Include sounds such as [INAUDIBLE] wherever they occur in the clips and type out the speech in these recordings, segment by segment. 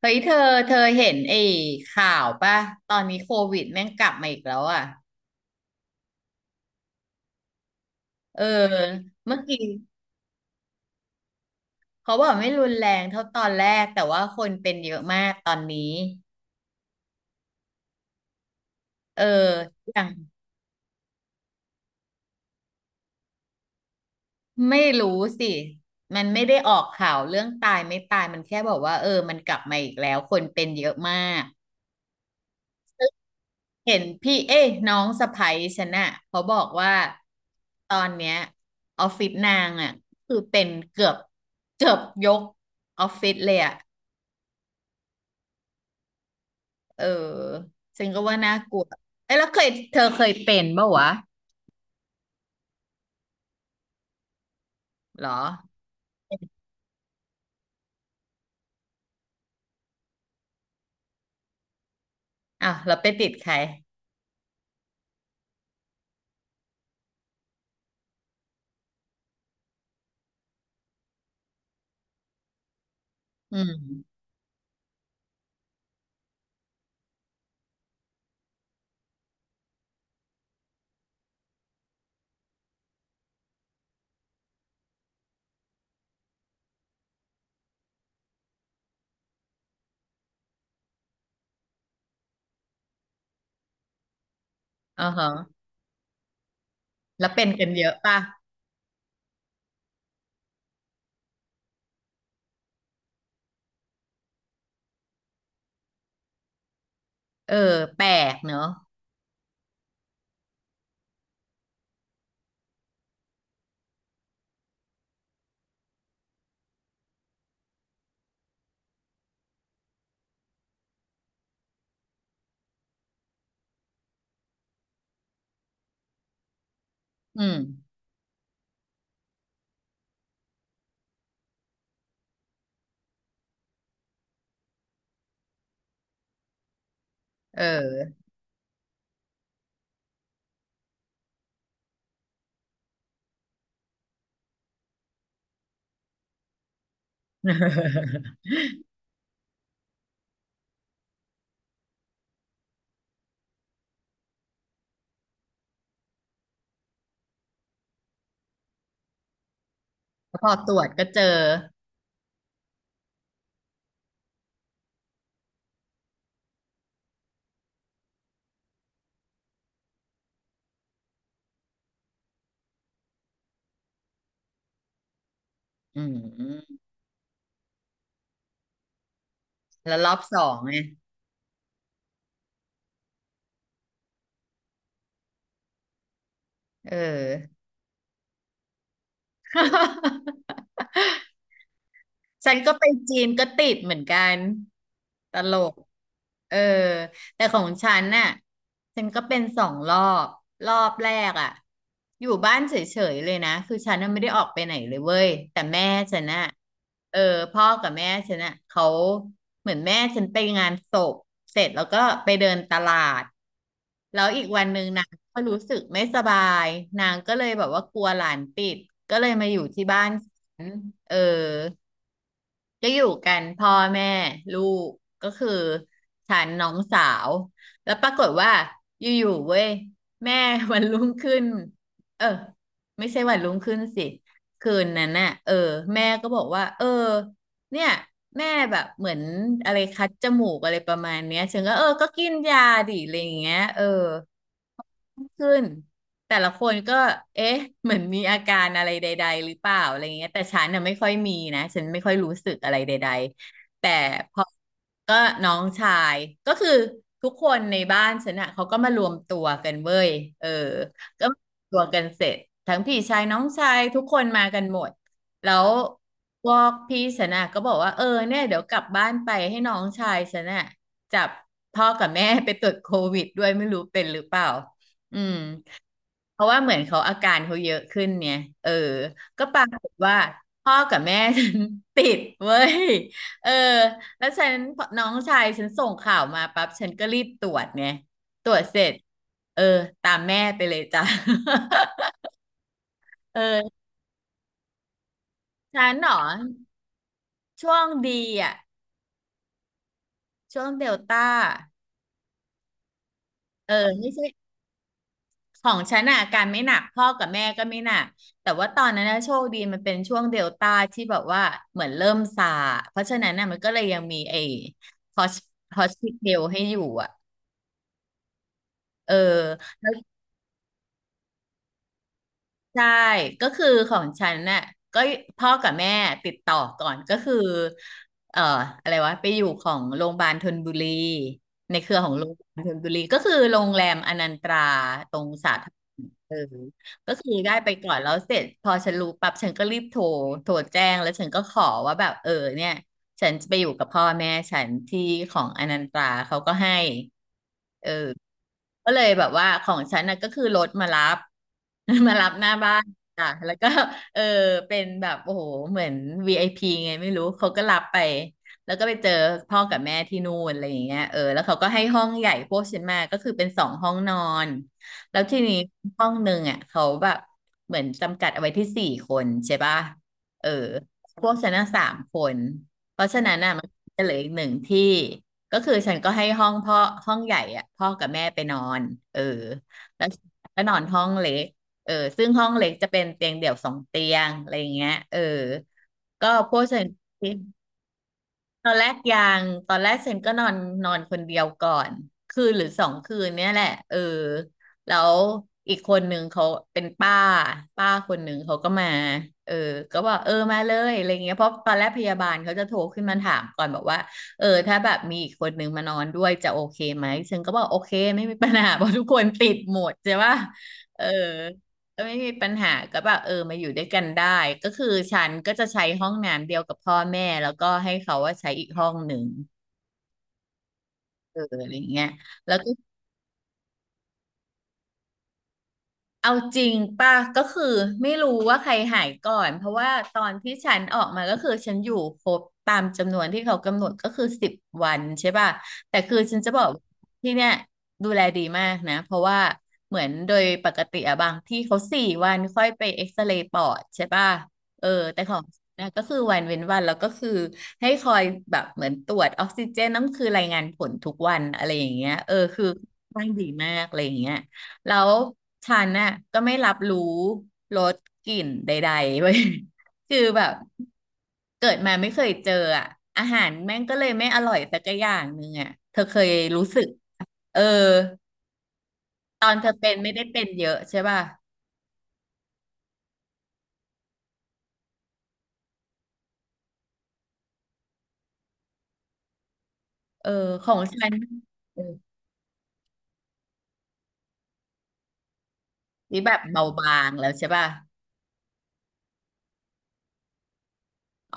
เฮ้ยเธอเห็นไอ้ข่าวป่ะตอนนี้โควิดแม่งกลับมาอีกแล้วอ่ะเออเมื่อกี้เขาบอกไม่รุนแรงเท่าตอนแรกแต่ว่าคนเป็นเยอะมากตอนนี้เอออย่างไม่รู้สิมันไม่ได้ออกข่าวเรื่องตายไม่ตายมันแค่บอกว่าเออมันกลับมาอีกแล้วคนเป็นเยอะมาก เห็นพี่เอ้ยน้องสะใภ้ฉันน่ะเขาบอกว่าตอนเนี้ยออฟฟิศนางอ่ะคือเป็นเกือบยกออฟฟิศเลยอ่ะเออฉันก็ว่าน่ากลัวเอ้ยแล้วเธอเคยเป็นปะวะหรออ้าวแล้วไปติดใครอืมอ๋อฮะแล้วเป็นกันเยอะป่ะเออแปลกเนอะอืมเออ [LAUGHS] พอตรวจก็เจออืมแล้วรอบสองไงเออ [LAUGHS] ฉันก็ไปจีนก็ติดเหมือนกันตลกเออแต่ของฉันน่ะฉันก็เป็นสองรอบรอบแรกอ่ะอยู่บ้านเฉยๆเลยนะคือฉันน่ะไม่ได้ออกไปไหนเลยเว้ยแต่แม่ฉันน่ะเออพ่อกับแม่ฉันน่ะเขาเหมือนแม่ฉันไปงานศพเสร็จแล้วก็ไปเดินตลาดแล้วอีกวันหนึ่งนางก็รู้สึกไม่สบายนางก็เลยแบบว่ากลัวหลานติดก็เลยมาอยู่ที่บ้านฉันเออ ก็อยู่กันพ่อแม่ลูกก็คือฉันน้องสาวแล้วปรากฏว่าอยู่ๆเว้ยแม่วันรุ่งขึ้นเออไม่ใช่วันรุ่งขึ้นสิคืนนั้นน่ะเออแม่ก็บอกว่าเออเนี่ยแม่แบบเหมือนอะไรคัดจมูกอะไรประมาณเนี้ยฉันก็เออก็กินยาดิอะไรอย่างเงี้ยเออขึ้น แต่ละคนก็เอ๊ะเหมือนมีอาการอะไรใดๆหรือเปล่าอะไรเงี้ยแต่ฉันน่ะไม่ค่อยมีนะฉันไม่ค่อยรู้สึกอะไรใดๆแต่พอก็น้องชายก็คือทุกคนในบ้านฉันน่ะเขาก็มารวมตัวกันเว้ยเออก็มารวมตัวกันเสร็จทั้งพี่ชายน้องชายทุกคนมากันหมดแล้วพวกพี่ฉันน่ะก็บอกว่าเออเนี่ยเดี๋ยวกลับบ้านไปให้น้องชายฉันน่ะจับพ่อกับแม่ไปตรวจโควิดด้วยไม่รู้เป็นหรือเปล่าอืม เพราะว่าเหมือนเขาอาการเขาเยอะขึ้นเนี่ย เออ ก็ปรากฏว่าพ่อกับแม่ฉัน [LAUGHS] ติดเว้ย เออ แล้วฉันน้องชายฉันส่งข่าวมาปั๊บฉันก็รีบตรวจเนี่ย ตรวจเสร็จ เออตามแม่ไปเลยจ้ะ [LAUGHS] เออฉันเหรอช่วงดีอ่ะช่วงเดลต้า เออไม่ใช่ ของฉันอ่ะอาการไม่หนักพ่อกับแม่ก็ไม่หนักแต่ว่าตอนนั้นนะโชคดีมันเป็นช่วงเดลต้าที่แบบว่าเหมือนเริ่มซาเพราะฉะนั้นน่ะมันก็เลยยังมีไอ้ฮอสฮอสพิทอลให้อยู่อ่ะเออ ใช่ก็คือของฉันน่ะก็พ่อกับแม่ติดต่อก่อนก็คือเอ่ออะไรวะไปอยู่ของโรงพยาบาลธนบุรีในเครือของโรงพยาบาลธนบุรีก็คือโรงแรมอนันตราตรงสาทรเออก็คือได้ไปก่อนแล้วเสร็จพอฉันรู้ปั๊บฉันก็รีบโทรโทรแจ้งแล้วฉันก็ขอว่าแบบเออเนี่ย ฉันจะไปอยู่กับพ่อแม่ฉันที่ของอนันตราเขาก็ให้เออก็เลยแบบว่าของฉันน่ะก็คือรถมารับ [LAUGHS] มารับหน้าบ้านค่ะแล้วก็เออเป็นแบบโอ้โหเหมือน VIP ไอพีไงไม่รู้เขาก็รับไปแล้วก็ไปเจอพ่อกับแม่ที่นู่นอะไรอย่างเงี้ยเออแล้วเขาก็ให้ห้องใหญ่พวกฉันมาก็คือเป็นสองห้องนอนแล้วทีนี้ห้องหนึ่งอ่ะเขาแบบเหมือนจำกัดเอาไว้ที่สี่คนใช่ป่ะเออพวกฉันน่ะสามคน เพราะฉะนั้นน่ะมันจะเหลืออีกหนึ่งที่ก็คือฉันก็ให้ห้องพ่อห้องใหญ่อ่ะพ่อกับแม่ไปนอนเออแล้วฉันก็นอนห้องเล็กเออซึ่งห้องเล็กจะเป็นเตียงเดี่ยวสองเตียงอะไรอย่างเงี้ยเออก็พวกฉัน ตอนแรกยังตอนแรกเซนก็นอนนอนคนเดียวก่อนคืนหรือสองคืนเนี่ยแหละเออแล้วอีกคนหนึ่งเขาเป็นป้าป้าคนหนึ่งเขาก็มาเออก็บอกเออมาเลยอะไรเงี้ยเพราะตอนแรกพยาบาลเขาจะโทรขึ้นมาถามก่อนบอกว่าเออถ้าแบบมีอีกคนหนึ่งมานอนด้วยจะโอเคไหมเซนก็บอกโอเคไม่มีปัญหา [LAUGHS] เพราะทุกคนติดหมดใช่ปะเออ ไม่มีปัญหาก็แบบเออมาอยู่ด้วยกันได้ก็คือฉันก็จะใช้ห้องน้ำเดียวกับพ่อแม่แล้วก็ให้เขาว่าใช้อีกห้องหนึ่งเอออะไรเงี้ยแล้วก็ เอาจริงป่ะก็คือไม่รู้ว่าใครหายก่อนเพราะว่าตอนที่ฉันออกมาก็คือฉันอยู่ครบตามจำนวนที่เขากำหนดก็คือ10 วันใช่ป่ะแต่คือฉันจะบอกที่เนี่ยดูแลดีมากนะเพราะว่าเหมือนโดยปกติอะบางที่เขา4 วันค่อยไปเอ็กซเรย์ปอดใช่ป่ะเออแต่ของนนะก็คือวันเว้นวันแล้วก็คือให้คอยแบบเหมือนตรวจออกซิเจนต้องคือรายงานผลทุกวันอะไรอย่างเงี้ยเออคือค่อนข้างดีมากอะไรอย่างเงี้ย แล้วฉันน่ะก็ไม่รับรู้รสกลิ่นใดๆเว้ย [LAUGHS] คือแบบเกิดมาไม่เคยเจออ่ะอาหารแม่งก็เลยไม่อร่อยสักอย่างหนึ่งอ่ะเธอเคยรู้สึกเออตอนเธอเป็นไม่ได้เป็นเยอะใช่ป่ะเออของฉันเออนี่แบบเบาบางแล้วใช่ป่ะ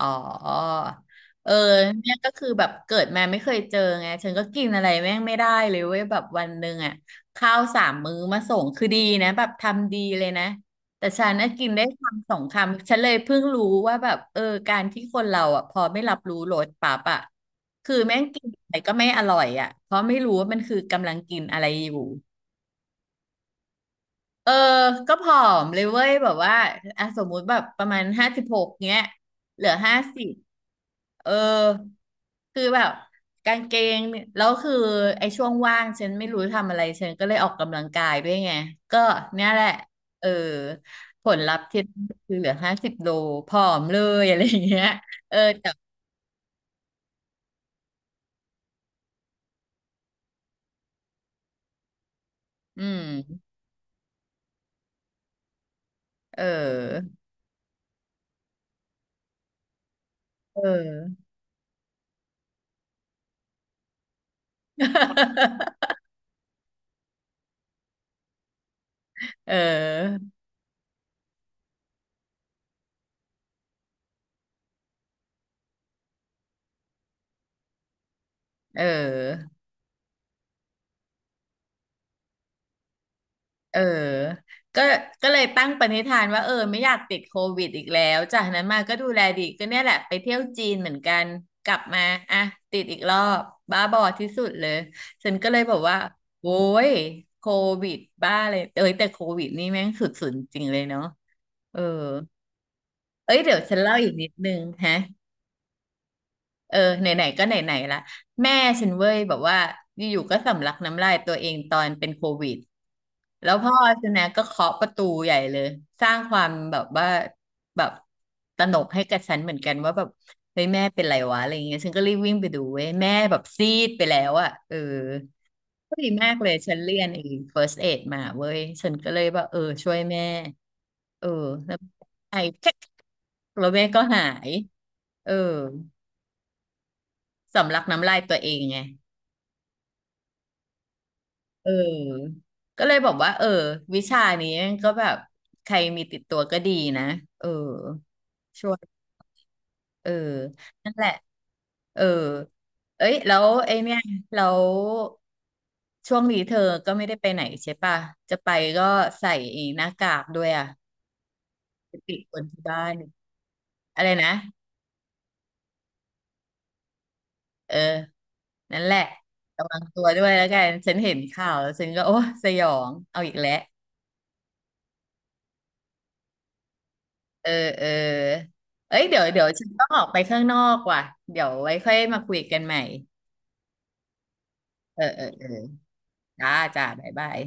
อ๋อเออเนี่ยก็คือแบบเกิดมาไม่เคยเจอไงฉันก็กินอะไรแม่งไม่ได้เลยเว้ยแบบวันหนึ่งอ่ะข้าวสามมื้อมาส่งคือดีนะแบบทำดีเลยนะแต่ฉันน่ะกินได้คำสองคำฉันเลยเพิ่งรู้ว่าแบบเออการที่คนเราอ่ะพอไม่รับรู้รสปั๊บอ่ะคือแม่งกินอะไรก็ไม่อร่อยอ่ะเพราะไม่รู้ว่ามันคือกำลังกินอะไรอยู่ เออ ก็ผอมเลยเว้ยแบบว่าอ่ะสมมุติแบบประมาณ56เนี้ยเหลือห้าสิบเออ คือแบบกางเกงเนี่ยแล้วคือไอ้ช่วงว่างฉันไม่รู้ทำอะไรฉันก็เลยออกกำลังกายด้วยไง ก็เนี่ยแหละ เออ ผลลัพธ์ที่คือเหลือ50 โลผอมเลยอะไรอย่างเงี้ยเออแต่ อืมเออเออ [LAUGHS] เออเออ เออก็ก็เลยตั้งปณิธานว่าเออไม่อยากติดโควิดอีกแล้วจากนั้นมาก็ดูแลดีก็เนี่ยแหละไปเที่ยวจีนเหมือนกันกลับมาอ่ะติดอีกรอบบ้าบอที่สุดเลยฉันก็เลยบอกว่าโว้ยโควิดบ้าเลยเอ้ยแต่โควิดนี่แม่งสุดๆจริงเลยเนาะเออเอ้ยเดี๋ยวฉันเล่าอีกนิดนึงฮะเออไหนๆก็ไหนๆละแม่ฉันเว้ยแบบว่าอยู่ๆก็สำลักน้ำลายตัวเองตอนเป็นโควิด แล้วพ่อสแน็คก็เคาะประตูใหญ่เลยสร้างความแบบว่าแบบตระหนกให้กับฉันเหมือนกันว่าแบบเฮ้ยแม่เป็นไรวะอะไรเงี้ยฉันก็รีบวิ่งไปดูเว้ยแม่แบบซีดไปแล้วอะเออก็ดีมากเลยฉันเรียนไอ้ first aid มาเว้ยฉันก็เลยว่าเออช่วยแม่เออแล้วไอ้แค่แล้วแม่ก็หายเออสำลักน้ำลายตัวเองไง เออก็เลยบอกว่าเออวิชานี้ก็แบบใครมีติดตัวก็ดีนะเออช่วยเออนั่นแหละเออเอ้ยแล้วไอเนี่ยแล้วช่วงนี้เธอก็ไม่ได้ไปไหนใช่ป่ะจะไปก็ใส่ไอ้หน้ากากด้วยอ่ะไปติดคนที่บ้านอะไรนะเออนั่นแหละระวังตัวด้วยแล้วกันฉันเห็นข่าวแล้วฉันก็โอ้สยองเอาอีกแล้ว เออเออเอ้ยเดี๋ยวฉันต้องออกไปข้างนอกว่ะเดี๋ยวไว้ค่อยมาคุยกันใหม่เออเออเออจ้าจ้าบ๊ายบาย